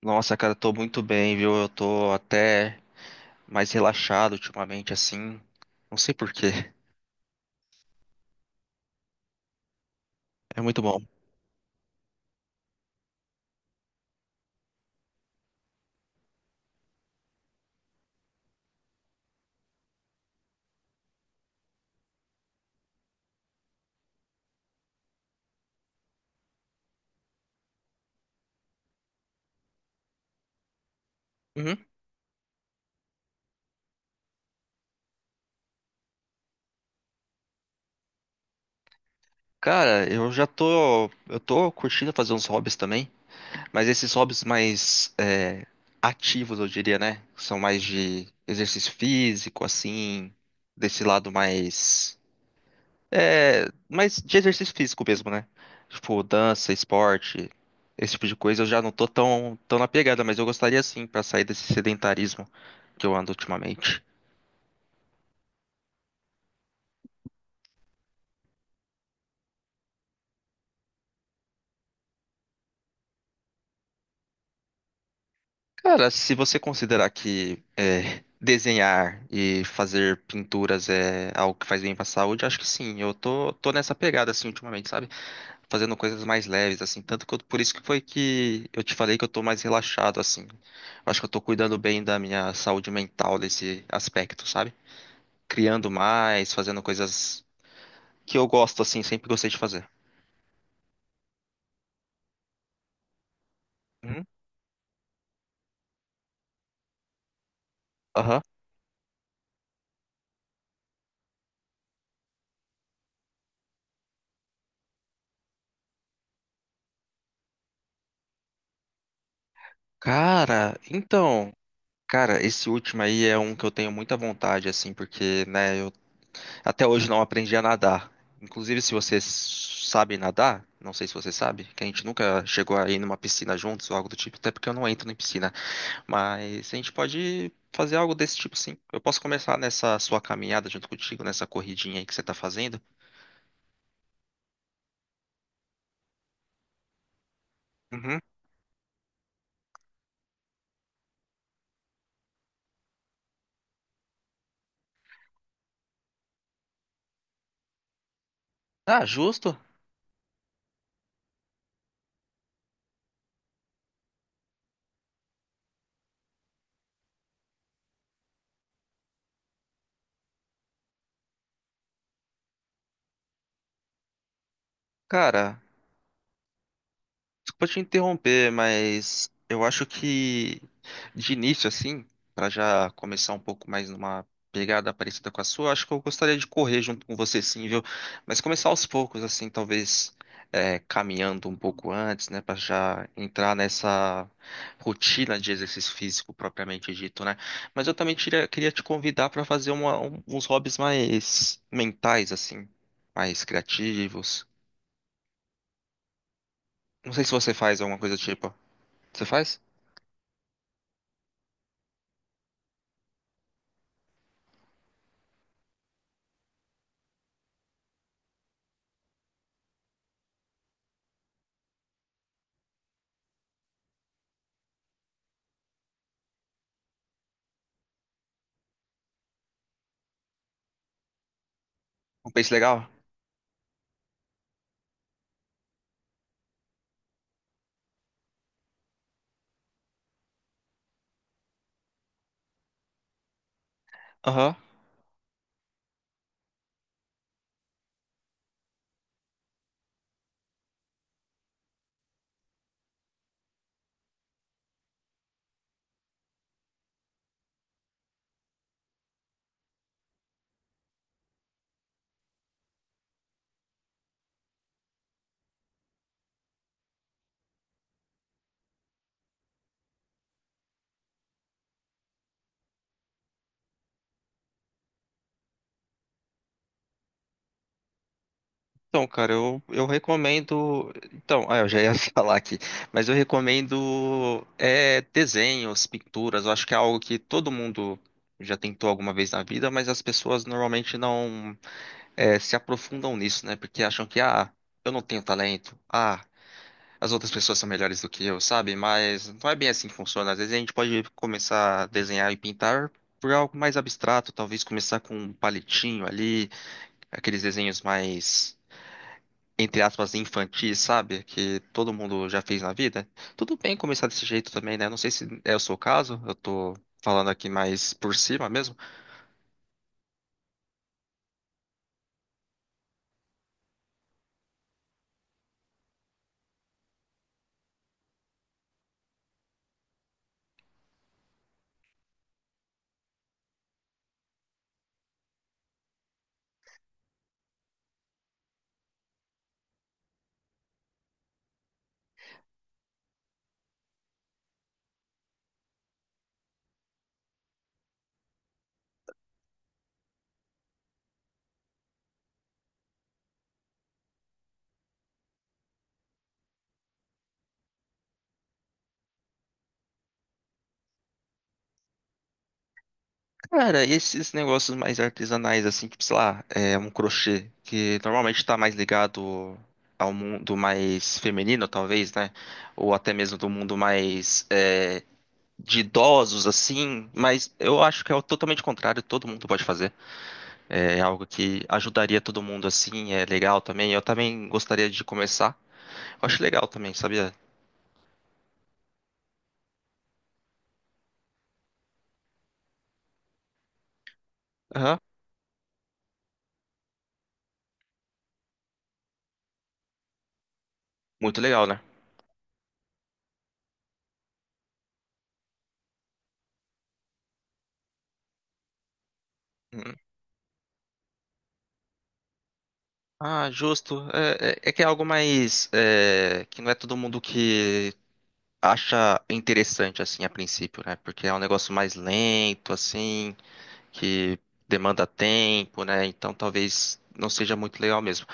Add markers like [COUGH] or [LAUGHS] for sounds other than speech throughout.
Nossa, cara, eu tô muito bem, viu? Eu tô até mais relaxado ultimamente, assim. Não sei por quê. [LAUGHS] É muito bom. Uhum. Cara, eu já tô. Eu tô curtindo fazer uns hobbies também, mas esses hobbies mais ativos, eu diria, né? São mais de exercício físico, assim, desse lado mais. É, mas de exercício físico mesmo, né? Tipo, dança, esporte, esse tipo de coisa, eu já não tô tão na pegada, mas eu gostaria sim pra sair desse sedentarismo que eu ando ultimamente. Cara, se você considerar que desenhar e fazer pinturas é algo que faz bem pra saúde, acho que sim. Eu tô nessa pegada assim ultimamente, sabe? Fazendo coisas mais leves, assim. Tanto que por isso que foi que eu te falei que eu tô mais relaxado, assim. Eu acho que eu tô cuidando bem da minha saúde mental nesse aspecto, sabe? Criando mais, fazendo coisas que eu gosto, assim, sempre gostei de fazer. Uhum. Aham. Cara, então, cara, esse último aí é um que eu tenho muita vontade, assim, porque, né, eu até hoje não aprendi a nadar. Inclusive, se você sabe nadar, não sei se você sabe, que a gente nunca chegou a ir numa piscina juntos ou algo do tipo, até porque eu não entro em piscina, mas a gente pode fazer algo desse tipo, sim. Eu posso começar nessa sua caminhada junto contigo, nessa corridinha aí que você tá fazendo. Uhum. Ah, justo. Cara, vou te interromper, mas eu acho que de início, assim, para já começar um pouco mais numa pegada parecida com a sua, acho que eu gostaria de correr junto com você, sim, viu? Mas começar aos poucos, assim, talvez caminhando um pouco antes, né, para já entrar nessa rotina de exercício físico propriamente dito, né? Mas eu também queria te convidar para fazer uns hobbies mais mentais, assim, mais criativos. Não sei se você faz alguma coisa do tipo. Você faz? Um peixe legal? Aham. Então, cara, eu recomendo. Então, ah, eu já ia [LAUGHS] falar aqui, mas eu recomendo desenhos, pinturas. Eu acho que é algo que todo mundo já tentou alguma vez na vida, mas as pessoas normalmente não se aprofundam nisso, né? Porque acham que, ah, eu não tenho talento, ah, as outras pessoas são melhores do que eu, sabe? Mas não é bem assim que funciona. Às vezes a gente pode começar a desenhar e pintar por algo mais abstrato, talvez começar com um palitinho ali. Aqueles desenhos mais, entre aspas, infantis, sabe? Que todo mundo já fez na vida. Tudo bem começar desse jeito também, né? Não sei se é o seu caso, eu tô falando aqui mais por cima mesmo. Cara, esses negócios mais artesanais, assim, tipo, sei lá, um crochê, que normalmente tá mais ligado ao mundo mais feminino, talvez, né? Ou até mesmo do mundo mais, de idosos, assim. Mas eu acho que é o totalmente contrário, todo mundo pode fazer. É algo que ajudaria todo mundo assim, é legal também. Eu também gostaria de começar. Eu acho legal também, sabia? Aham. Muito legal, né? Uhum. Ah, justo. É, é que é algo mais que não é todo mundo que acha interessante assim a princípio, né? Porque é um negócio mais lento, assim, que demanda tempo, né? Então talvez não seja muito legal mesmo.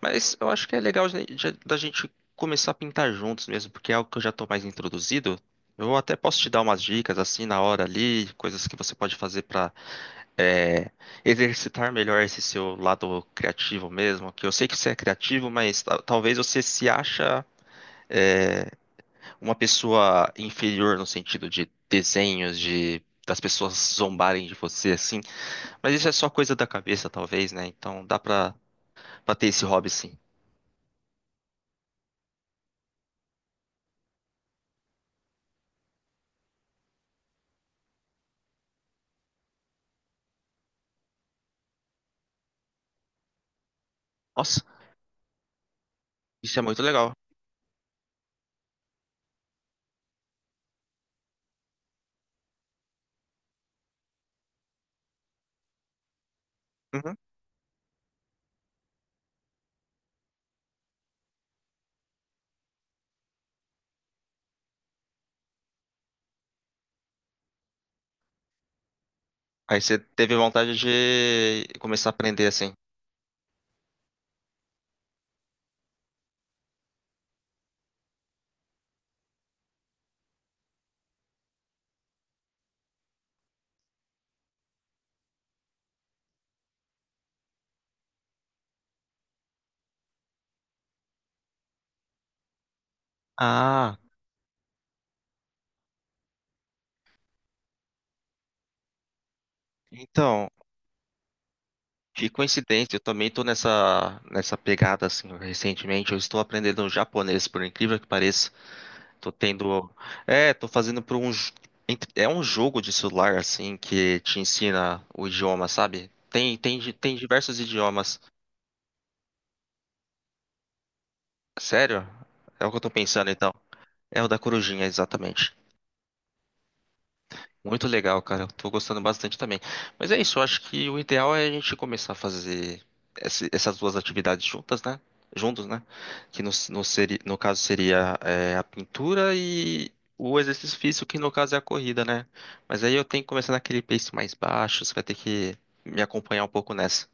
Mas eu acho que é legal da gente começar a pintar juntos mesmo, porque é algo que eu já estou mais introduzido. Eu até posso te dar umas dicas assim na hora ali, coisas que você pode fazer para exercitar melhor esse seu lado criativo mesmo. Que eu sei que você é criativo, mas talvez você se acha é, uma pessoa inferior no sentido de desenhos, de das pessoas zombarem de você, assim. Mas isso é só coisa da cabeça, talvez, né? Então pra ter esse hobby, sim. Nossa, isso é muito legal. Uhum. Aí você teve vontade de começar a aprender assim. Ah, então, que coincidência, eu também tô nessa pegada, assim, recentemente. Eu estou aprendendo japonês, por incrível que pareça. Tô tendo. É, tô fazendo por um. J- ent- É um jogo de celular, assim, que te ensina o idioma, sabe? Tem diversos idiomas. Sério? É o que eu tô pensando, então. É o da corujinha, exatamente. Muito legal, cara. Eu tô gostando bastante também. Mas é isso, eu acho que o ideal é a gente começar a fazer essas duas atividades juntas, né? Juntos, né? Que no caso seria a pintura e o exercício físico, que no caso é a corrida, né? Mas aí eu tenho que começar naquele pace mais baixo, você vai ter que me acompanhar um pouco nessa.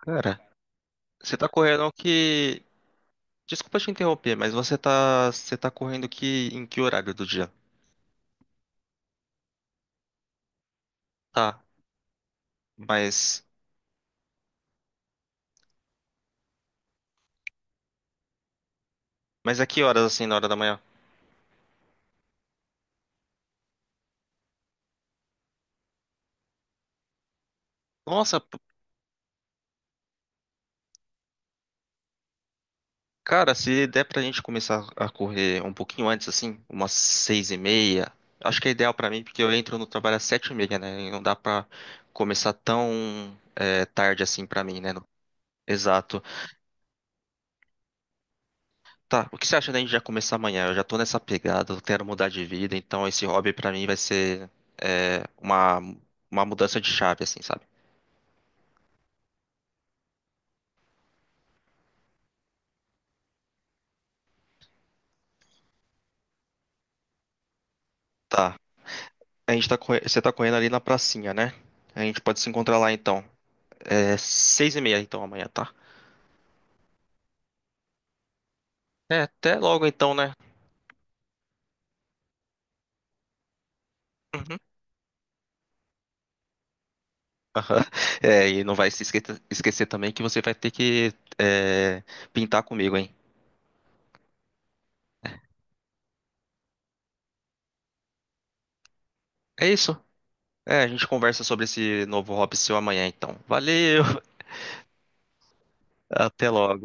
Cara, você tá correndo que. Desculpa te interromper, mas você tá correndo que em que horário do dia? Tá, mas. Mas a que horas, assim, na hora da manhã? Nossa, cara, se der pra gente começar a correr um pouquinho antes, assim, umas 6:30, acho que é ideal pra mim, porque eu entro no trabalho às 7:30, né? E não dá pra começar tão tarde assim pra mim, né? Exato. Tá, o que você acha da gente já começar amanhã? Eu já tô nessa pegada, eu quero mudar de vida, então esse hobby pra mim vai ser é, uma, uma mudança de chave, assim, sabe? Tá. A gente você tá correndo ali na pracinha, né? A gente pode se encontrar lá então. É 6:30, então, amanhã, tá? É, até logo, então, né? Uhum. Aham. É, e não vai se esque- esquecer também que você vai ter que é, pintar comigo, hein? É isso. É, a gente conversa sobre esse novo hobby seu amanhã, então. Valeu! [LAUGHS] Até logo.